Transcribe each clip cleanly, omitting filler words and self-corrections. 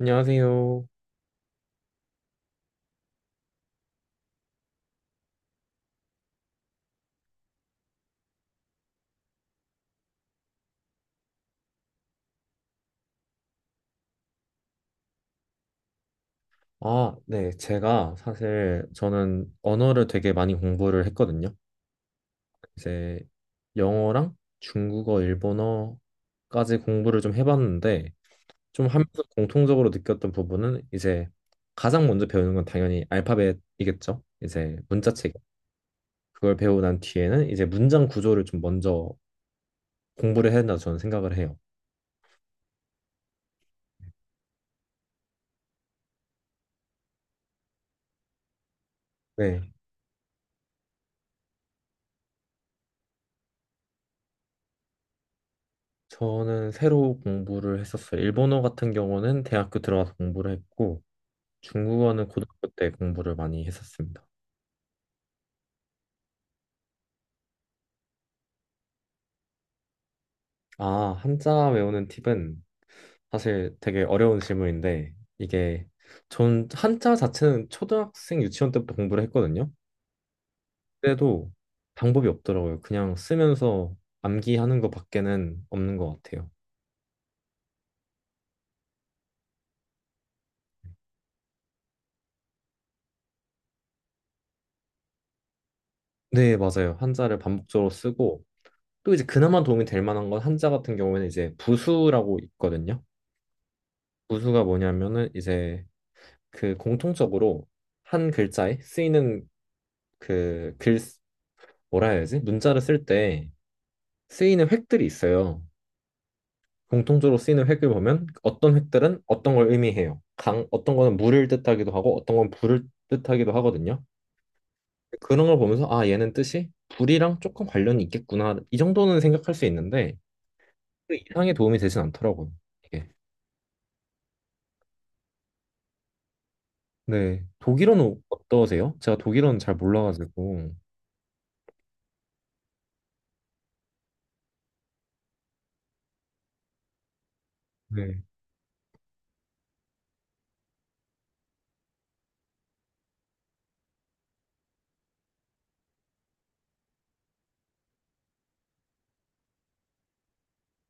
안녕하세요. 아, 네. 제가 사실 저는 언어를 되게 많이 공부를 했거든요. 이제 영어랑 중국어, 일본어까지 공부를 좀 해봤는데 좀 하면서 공통적으로 느꼈던 부분은 이제 가장 먼저 배우는 건 당연히 알파벳이겠죠. 이제 문자책. 그걸 배우고 난 뒤에는 이제 문장 구조를 좀 먼저 공부를 해야 된다 저는 생각을 해요. 네. 저는 새로 공부를 했었어요. 일본어 같은 경우는 대학교 들어가서 공부를 했고 중국어는 고등학교 때 공부를 많이 했었습니다. 아, 한자 외우는 팁은 사실 되게 어려운 질문인데, 이게 전 한자 자체는 초등학생 유치원 때부터 공부를 했거든요. 그때도 방법이 없더라고요. 그냥 쓰면서 암기하는 것밖에는 없는 것 같아요. 네, 맞아요. 한자를 반복적으로 쓰고, 또 이제 그나마 도움이 될 만한 건 한자 같은 경우에는 이제 부수라고 있거든요. 부수가 뭐냐면은 이제 그 공통적으로 한 글자에 쓰이는 그 글 뭐라 해야 지 문자를 쓸 때 쓰이는 획들이 있어요. 공통적으로 쓰이는 획을 보면 어떤 획들은 어떤 걸 의미해요. 강 어떤 거는 물을 뜻하기도 하고 어떤 건 불을 뜻하기도 하거든요. 그런 걸 보면서 아 얘는 뜻이 불이랑 조금 관련이 있겠구나 이 정도는 생각할 수 있는데 그 이상의 도움이 되진 않더라고요. 이게. 네 독일어는 어떠세요? 제가 독일어는 잘 몰라가지고 네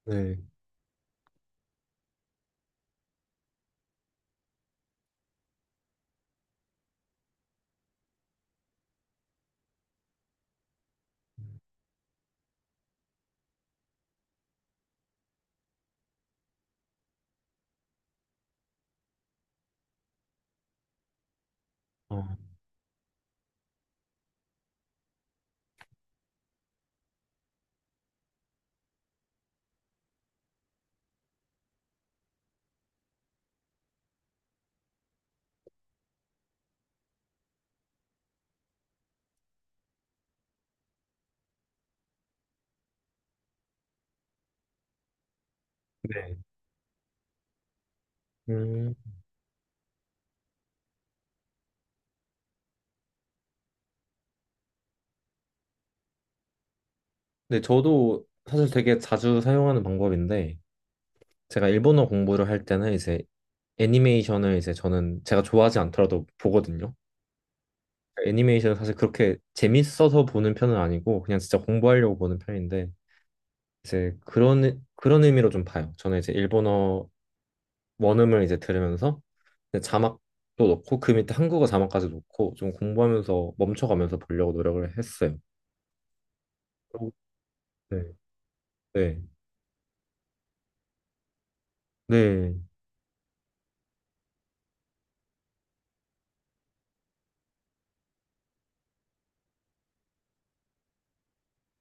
네. 어, 네. 음, 네, 저도 사실 되게 자주 사용하는 방법인데, 제가 일본어 공부를 할 때는 이제 애니메이션을 이제 저는 제가 좋아하지 않더라도 보거든요. 애니메이션을 사실 그렇게 재밌어서 보는 편은 아니고 그냥 진짜 공부하려고 보는 편인데 이제 그런 의미로 좀 봐요. 저는 이제 일본어 원음을 이제 들으면서 이제 자막도 넣고 그 밑에 한국어 자막까지 넣고 좀 공부하면서 멈춰가면서 보려고 노력을 했어요. 오. 네, 네, 네,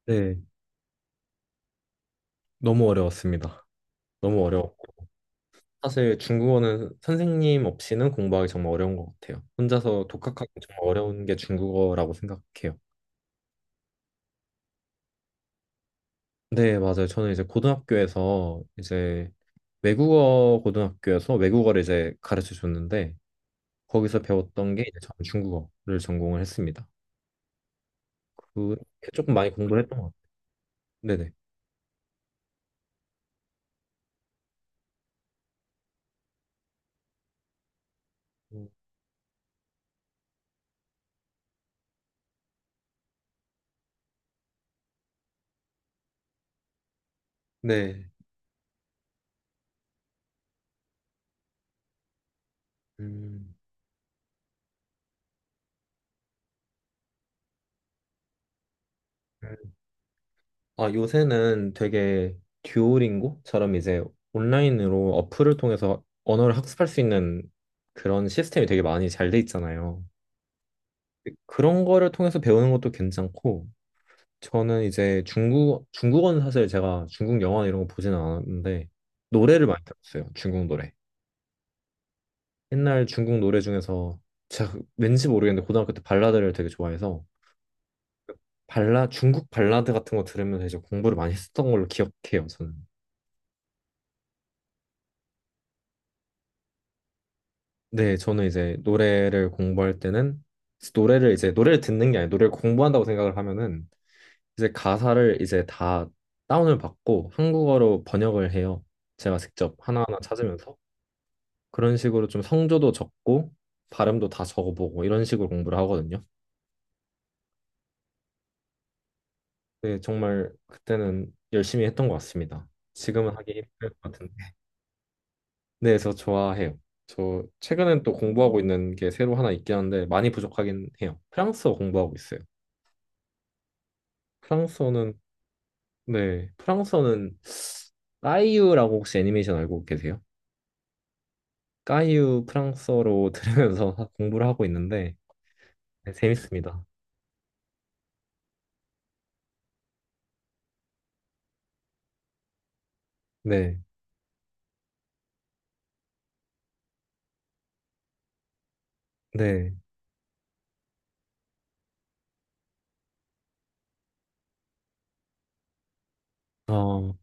네. 너무 어려웠습니다. 너무 어려워. 사실 중국어는 선생님 없이는 공부하기 정말 어려운 것 같아요. 혼자서 독학하기 정말 어려운 게 중국어라고 생각해요. 네, 맞아요. 저는 이제 고등학교에서 이제 외국어 고등학교에서 외국어를 이제 가르쳐 줬는데 거기서 배웠던 게 이제 저는 중국어를 전공을 했습니다. 그렇게 조금 많이 공부를 했던 것 같아요. 네네. 네. 음, 아, 요새는 되게 듀오링고처럼 이제 온라인으로 어플을 통해서 언어를 학습할 수 있는 그런 시스템이 되게 많이 잘 돼 있잖아요. 그런 거를 통해서 배우는 것도 괜찮고, 저는 이제 중국어는 사실 제가 중국 영화 이런 거 보지는 않았는데, 노래를 많이 들었어요. 중국 노래. 옛날 중국 노래 중에서 제가 왠지 모르겠는데 고등학교 때 발라드를 되게 좋아해서 중국 발라드 같은 거 들으면서 이제 공부를 많이 했던 걸로 기억해요, 저는. 네, 저는 이제 노래를 공부할 때는 노래를 듣는 게 아니라 노래를 공부한다고 생각을 하면은 이제 가사를 이제 다 다운을 받고 한국어로 번역을 해요. 제가 직접 하나하나 찾으면서 그런 식으로 좀 성조도 적고 발음도 다 적어보고 이런 식으로 공부를 하거든요. 네, 정말 그때는 열심히 했던 것 같습니다. 지금은 하기 힘들 것 같은데. 네, 그래서 좋아해요. 저 최근엔 또 공부하고 있는 게 새로 하나 있긴 한데 많이 부족하긴 해요. 프랑스어 공부하고 있어요. 프랑스어는 네, 프랑스어는 까이유라고 혹시 애니메이션 알고 계세요? 까이유 프랑스어로 들으면서 공부를 하고 있는데 네, 재밌습니다. 네, 네, 어,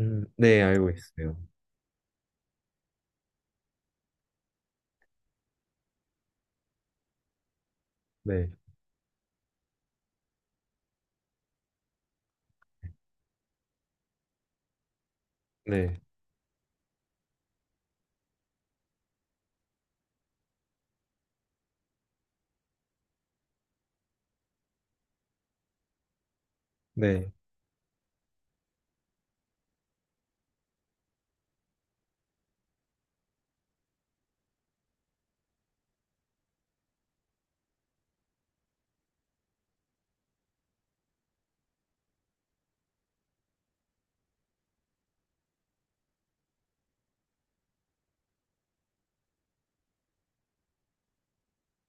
네 알고 있어요. 네, 네, 네,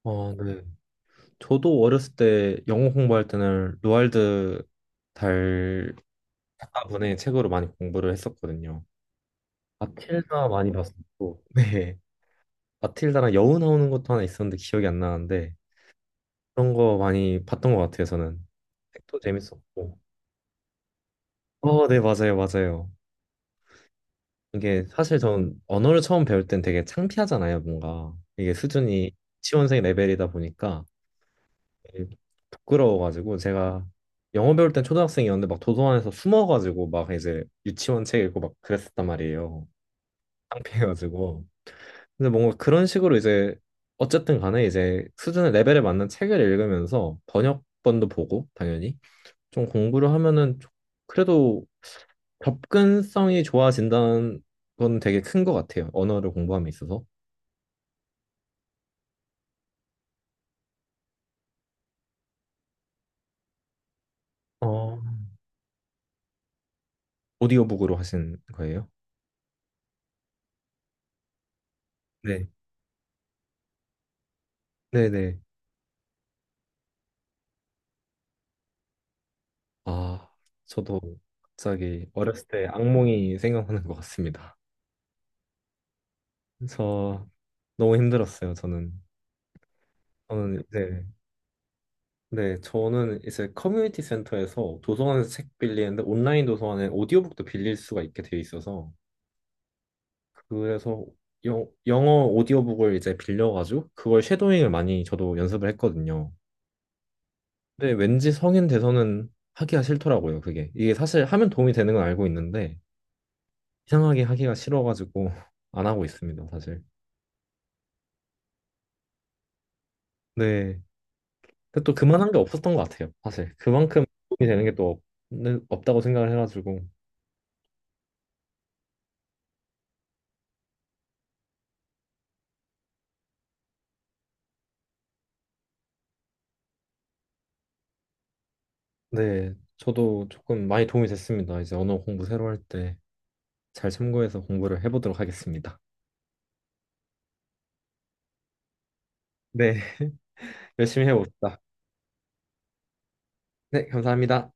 어, 네. 저도 어렸을 때 영어 공부할 때는 로알드 달가분의 책으로 많이 공부를 했었거든요. 마틸다 많이 봤었고, 네, 마틸다랑 여우 나오는 것도 하나 있었는데 기억이 안 나는데. 그런 거 많이 봤던 것 같아요, 저는. 책도 재밌었고. 어, 네, 맞아요, 맞아요. 이게 사실 전 언어를 처음 배울 땐 되게 창피하잖아요, 뭔가. 이게 수준이 지원생 레벨이다 보니까 되게 부끄러워가지고 제가 영어 배울 땐 초등학생이었는데 막 도서관에서 숨어가지고 막 이제 유치원 책 읽고 막 그랬었단 말이에요. 창피해가지고. 근데 뭔가 그런 식으로 이제 어쨌든 간에 이제 수준의 레벨에 맞는 책을 읽으면서 번역본도 보고, 당연히. 좀 공부를 하면은 그래도 접근성이 좋아진다는 건 되게 큰 것 같아요. 언어를 공부함에 있어서. 어, 오디오북으로 하신 거예요? 네. 네네. 아, 저도 갑자기 어렸을 때 악몽이 생각나는 것 같습니다. 저 너무 힘들었어요, 저는. 저는 네. 네, 저는 이제 커뮤니티 센터에서 도서관에서 책 빌리는데 온라인 도서관에 오디오북도 빌릴 수가 있게 되어 있어서 그래서 영어 오디오북을 이제 빌려가지고 그걸 쉐도잉을 많이 저도 연습을 했거든요. 근데 왠지 성인 돼서는 하기가 싫더라고요, 그게. 이게 사실 하면 도움이 되는 건 알고 있는데 이상하게 하기가 싫어가지고 안 하고 있습니다, 사실. 네. 근데 또 그만한 게 없었던 것 같아요, 사실. 그만큼 도움이 되는 게 또 없다고 생각을 해가지고. 네. 저도 조금 많이 도움이 됐습니다. 이제 언어 공부 새로 할 때 잘 참고해서 공부를 해보도록 하겠습니다. 네. 열심히 해봅시다. 네, 감사합니다.